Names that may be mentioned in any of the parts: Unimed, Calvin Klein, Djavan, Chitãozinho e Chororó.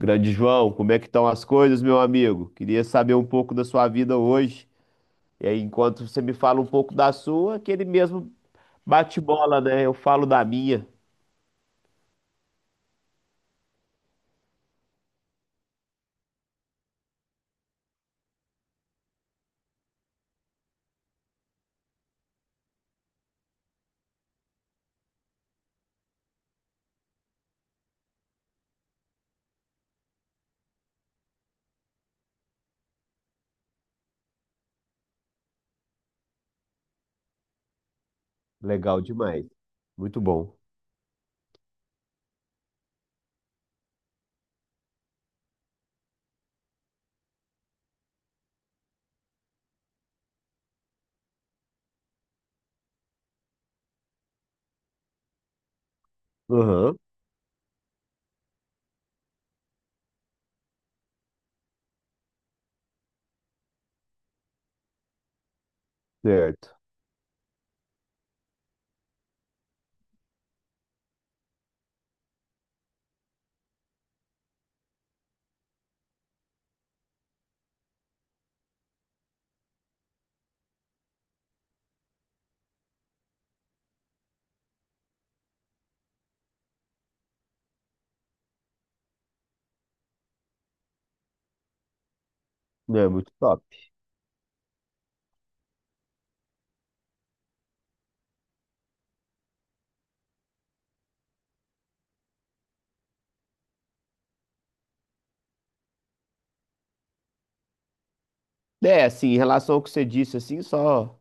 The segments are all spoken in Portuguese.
Grande João, como é que estão as coisas, meu amigo? Queria saber um pouco da sua vida hoje. E aí, enquanto você me fala um pouco da sua, aquele mesmo bate-bola, né? Eu falo da minha. Legal demais. Muito bom. Aham, certo. É, muito top. É, assim, em relação ao que você disse, assim, só.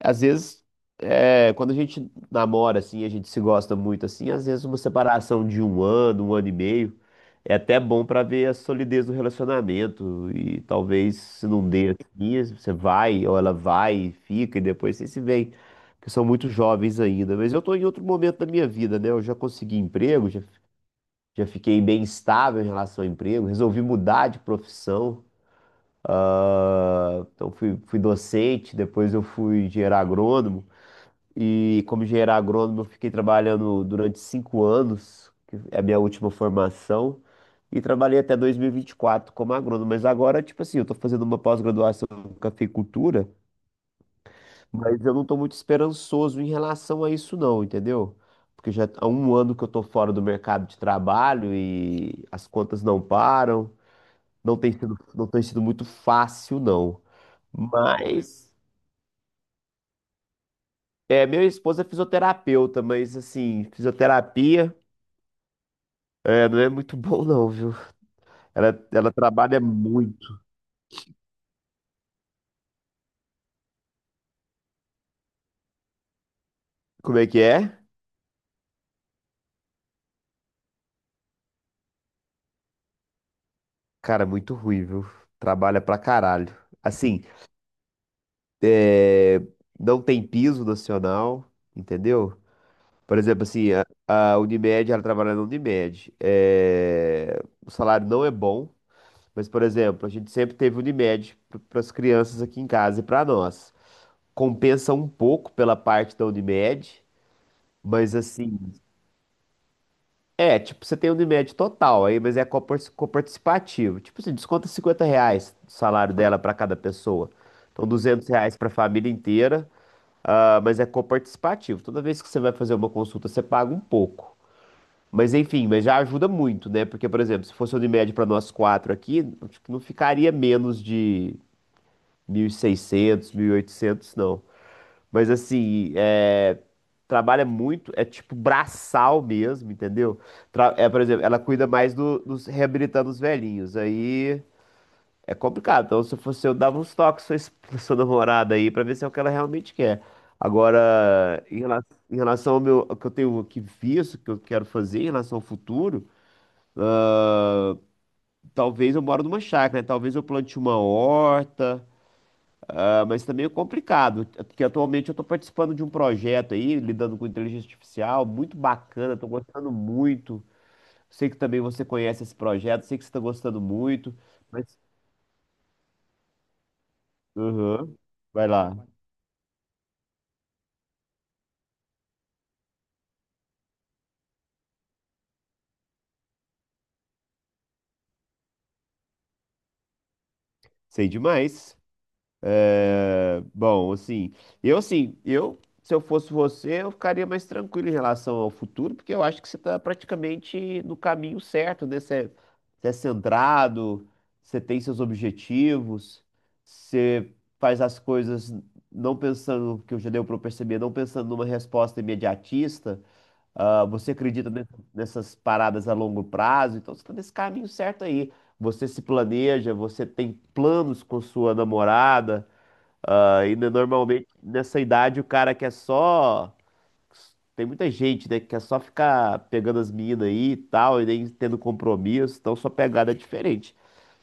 Às vezes, é, quando a gente namora, assim, a gente se gosta muito, assim, às vezes uma separação de um ano e meio, é até bom pra ver a solidez do relacionamento. E talvez, se não dê assim, você vai, ou ela vai, e fica, e depois vocês se veem, porque são muito jovens ainda. Mas eu tô em outro momento da minha vida, né? Eu já consegui emprego, já, já fiquei bem estável em relação ao emprego, resolvi mudar de profissão. Ah, então fui docente, depois eu fui engenheiro agrônomo. E como engenheiro agrônomo, eu fiquei trabalhando durante 5 anos, que é a minha última formação, e trabalhei até 2024 como agrônomo. Mas agora, tipo assim, eu estou fazendo uma pós-graduação em cafeicultura, mas eu não estou muito esperançoso em relação a isso, não, entendeu? Porque já há um ano que eu estou fora do mercado de trabalho e as contas não param, não tem sido muito fácil, não. Mas. É, minha esposa é fisioterapeuta, mas assim, fisioterapia. É, não é muito bom não, viu? Ela trabalha muito. Como é que é? Cara, muito ruim, viu? Trabalha pra caralho. Assim, é, não tem piso nacional, entendeu? Por exemplo, assim, a Unimed, ela trabalha na Unimed. É, o salário não é bom, mas, por exemplo, a gente sempre teve Unimed para as crianças aqui em casa e para nós. Compensa um pouco pela parte da Unimed, mas assim. É, tipo, você tem o Unimed total aí, mas é coparticipativo. Tipo, você desconta R$ 50 do salário dela para cada pessoa. Então, R$ 200 para a família inteira, ah, mas é coparticipativo. Toda vez que você vai fazer uma consulta, você paga um pouco. Mas, enfim, mas já ajuda muito, né? Porque, por exemplo, se fosse o Unimed para nós quatro aqui, acho que não ficaria menos de mil e seiscentos, 1.800, não. Mas assim, é, trabalha muito, é tipo braçal mesmo, entendeu? É, por exemplo, ela cuida mais dos reabilitando os velhinhos. Aí é complicado. Então, se eu fosse eu, dava uns toques pra sua, pra sua namorada aí pra ver se é o que ela realmente quer. Agora, em relação, ao meu, ao que eu tenho aqui visto, que eu quero fazer em relação ao futuro, talvez eu moro numa chácara, né? Talvez eu plante uma horta. Ah, mas tá meio complicado, porque atualmente eu estou participando de um projeto aí, lidando com inteligência artificial, muito bacana, estou gostando muito. Sei que também você conhece esse projeto, sei que você está gostando muito, mas... Uhum. Vai lá. Sei demais. É, bom, assim, eu, se eu fosse você, eu ficaria mais tranquilo em relação ao futuro, porque eu acho que você está praticamente no caminho certo, né? Você é centrado, você tem seus objetivos, você faz as coisas não pensando, que eu já deu para perceber, não pensando numa resposta imediatista, ah, você acredita nessas paradas a longo prazo, então você está nesse caminho certo aí. Você se planeja, você tem planos com sua namorada. Ah, e né, normalmente nessa idade o cara quer só. Tem muita gente, né, que quer só ficar pegando as minas aí e tal, e nem tendo compromisso, então sua pegada é diferente.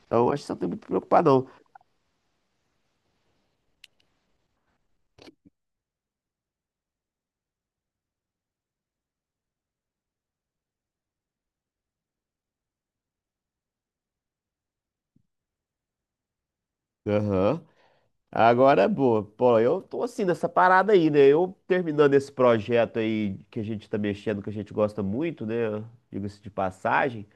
Então acho que você não tem muito que preocupar, não. Aham. Agora, boa. Pô, eu tô assim nessa parada aí, né? Eu terminando esse projeto aí que a gente tá mexendo, que a gente gosta muito, né? Diga-se de passagem.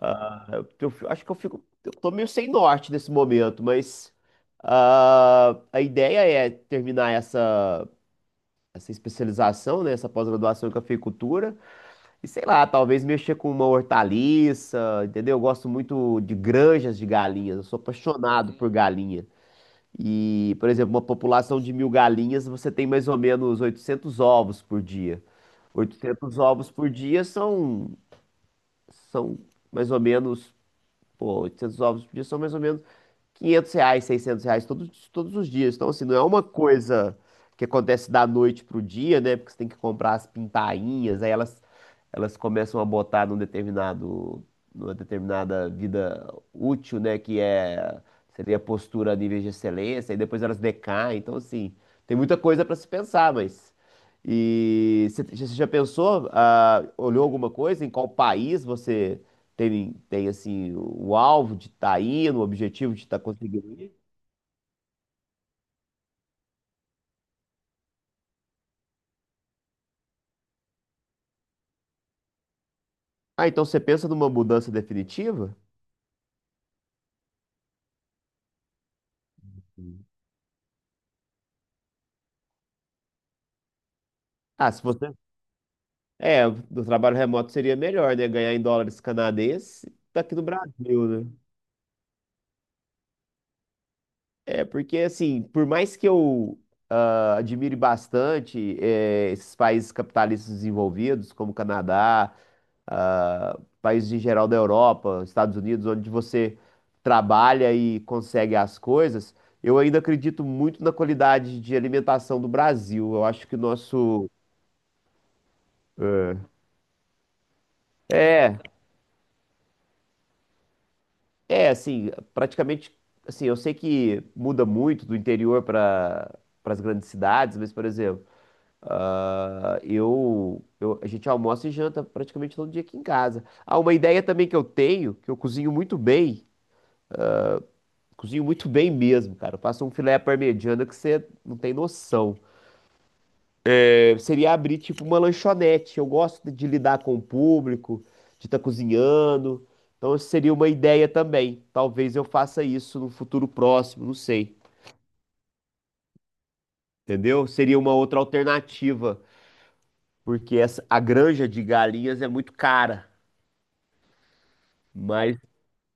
Ah, eu acho que eu fico. Eu tô meio sem norte nesse momento, mas ah, a ideia é terminar essa especialização, né? Essa pós-graduação em cafeicultura. E sei lá, talvez mexer com uma hortaliça, entendeu? Eu gosto muito de granjas de galinhas. Eu sou apaixonado por galinha. E, por exemplo, uma população de 1.000 galinhas, você tem mais ou menos 800 ovos por dia. Oitocentos ovos por dia são mais ou menos. Pô, 800 ovos por dia são mais ou menos R$ 500, R$ 600 todos os dias. Então, assim, não é uma coisa que acontece da noite pro dia, né? Porque você tem que comprar as pintainhas, aí elas começam a botar numa determinada vida útil, né? Que é, seria postura a nível de excelência, e depois elas decaem. Então, assim, tem muita coisa para se pensar, mas... E você já pensou, ah, olhou alguma coisa em qual país você tem assim, o alvo de estar indo, o objetivo de estar conseguindo ir. Ah, então você pensa numa mudança definitiva? Sim. Ah, se você. É, do trabalho remoto seria melhor, né? Ganhar em dólares canadenses daqui do Brasil, né? É, porque assim, por mais que eu ah, admire bastante esses países capitalistas desenvolvidos, como Canadá, ah, países em geral da Europa, Estados Unidos, onde você trabalha e consegue as coisas, eu ainda acredito muito na qualidade de alimentação do Brasil. Eu acho que o nosso é, é assim, praticamente assim, eu sei que muda muito do interior para as grandes cidades, mas por exemplo, ah, a gente almoça e janta praticamente todo dia aqui em casa. Ah, uma ideia também que eu tenho, que eu cozinho muito bem. Cozinho muito bem mesmo, cara. Eu faço um filé à parmegiana que você não tem noção. É, seria abrir tipo uma lanchonete. Eu gosto de lidar com o público, de estar cozinhando. Então seria uma ideia também. Talvez eu faça isso no futuro próximo, não sei. Entendeu? Seria uma outra alternativa, porque essa, a granja de galinhas é muito cara. Mas,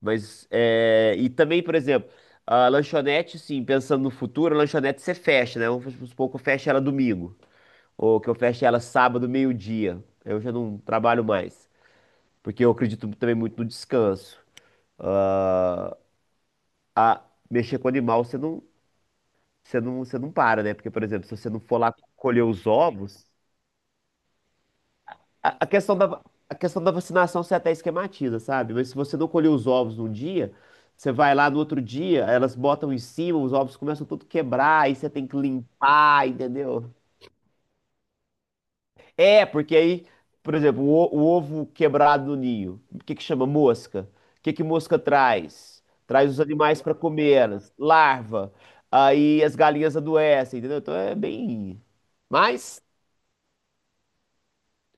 mas é, e também, por exemplo, a lanchonete, sim, pensando no futuro, a lanchonete você fecha, né? Vamos supor que eu feche ela domingo. Ou que eu feche ela sábado, meio-dia. Eu já não trabalho mais. Porque eu acredito também muito no descanso. A mexer com animal, você não para, né? Porque, por exemplo, se você não for lá colher os ovos. A a questão da vacinação você até esquematiza, sabe? Mas se você não colher os ovos num dia, você vai lá no outro dia, elas botam em cima, os ovos começam tudo a quebrar, aí você tem que limpar, entendeu? É, porque aí, por exemplo, o ovo quebrado no ninho, o que que chama mosca? O que que mosca traz? Traz os animais para comer elas, larva. Aí as galinhas adoecem, entendeu? Então é bem. Mas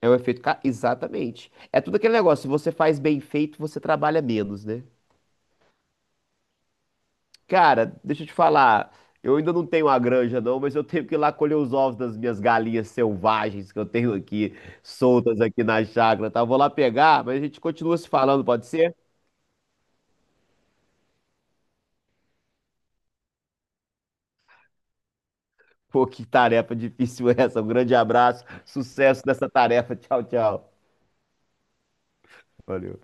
é um efeito. Exatamente. É tudo aquele negócio, se você faz bem feito, você trabalha menos, né? Cara, deixa eu te falar. Eu ainda não tenho a granja, não, mas eu tenho que ir lá colher os ovos das minhas galinhas selvagens que eu tenho aqui, soltas aqui na chácara, tá? Eu vou lá pegar, mas a gente continua se falando, pode ser? Pô, que tarefa difícil essa. Um grande abraço, sucesso nessa tarefa. Tchau, tchau. Valeu.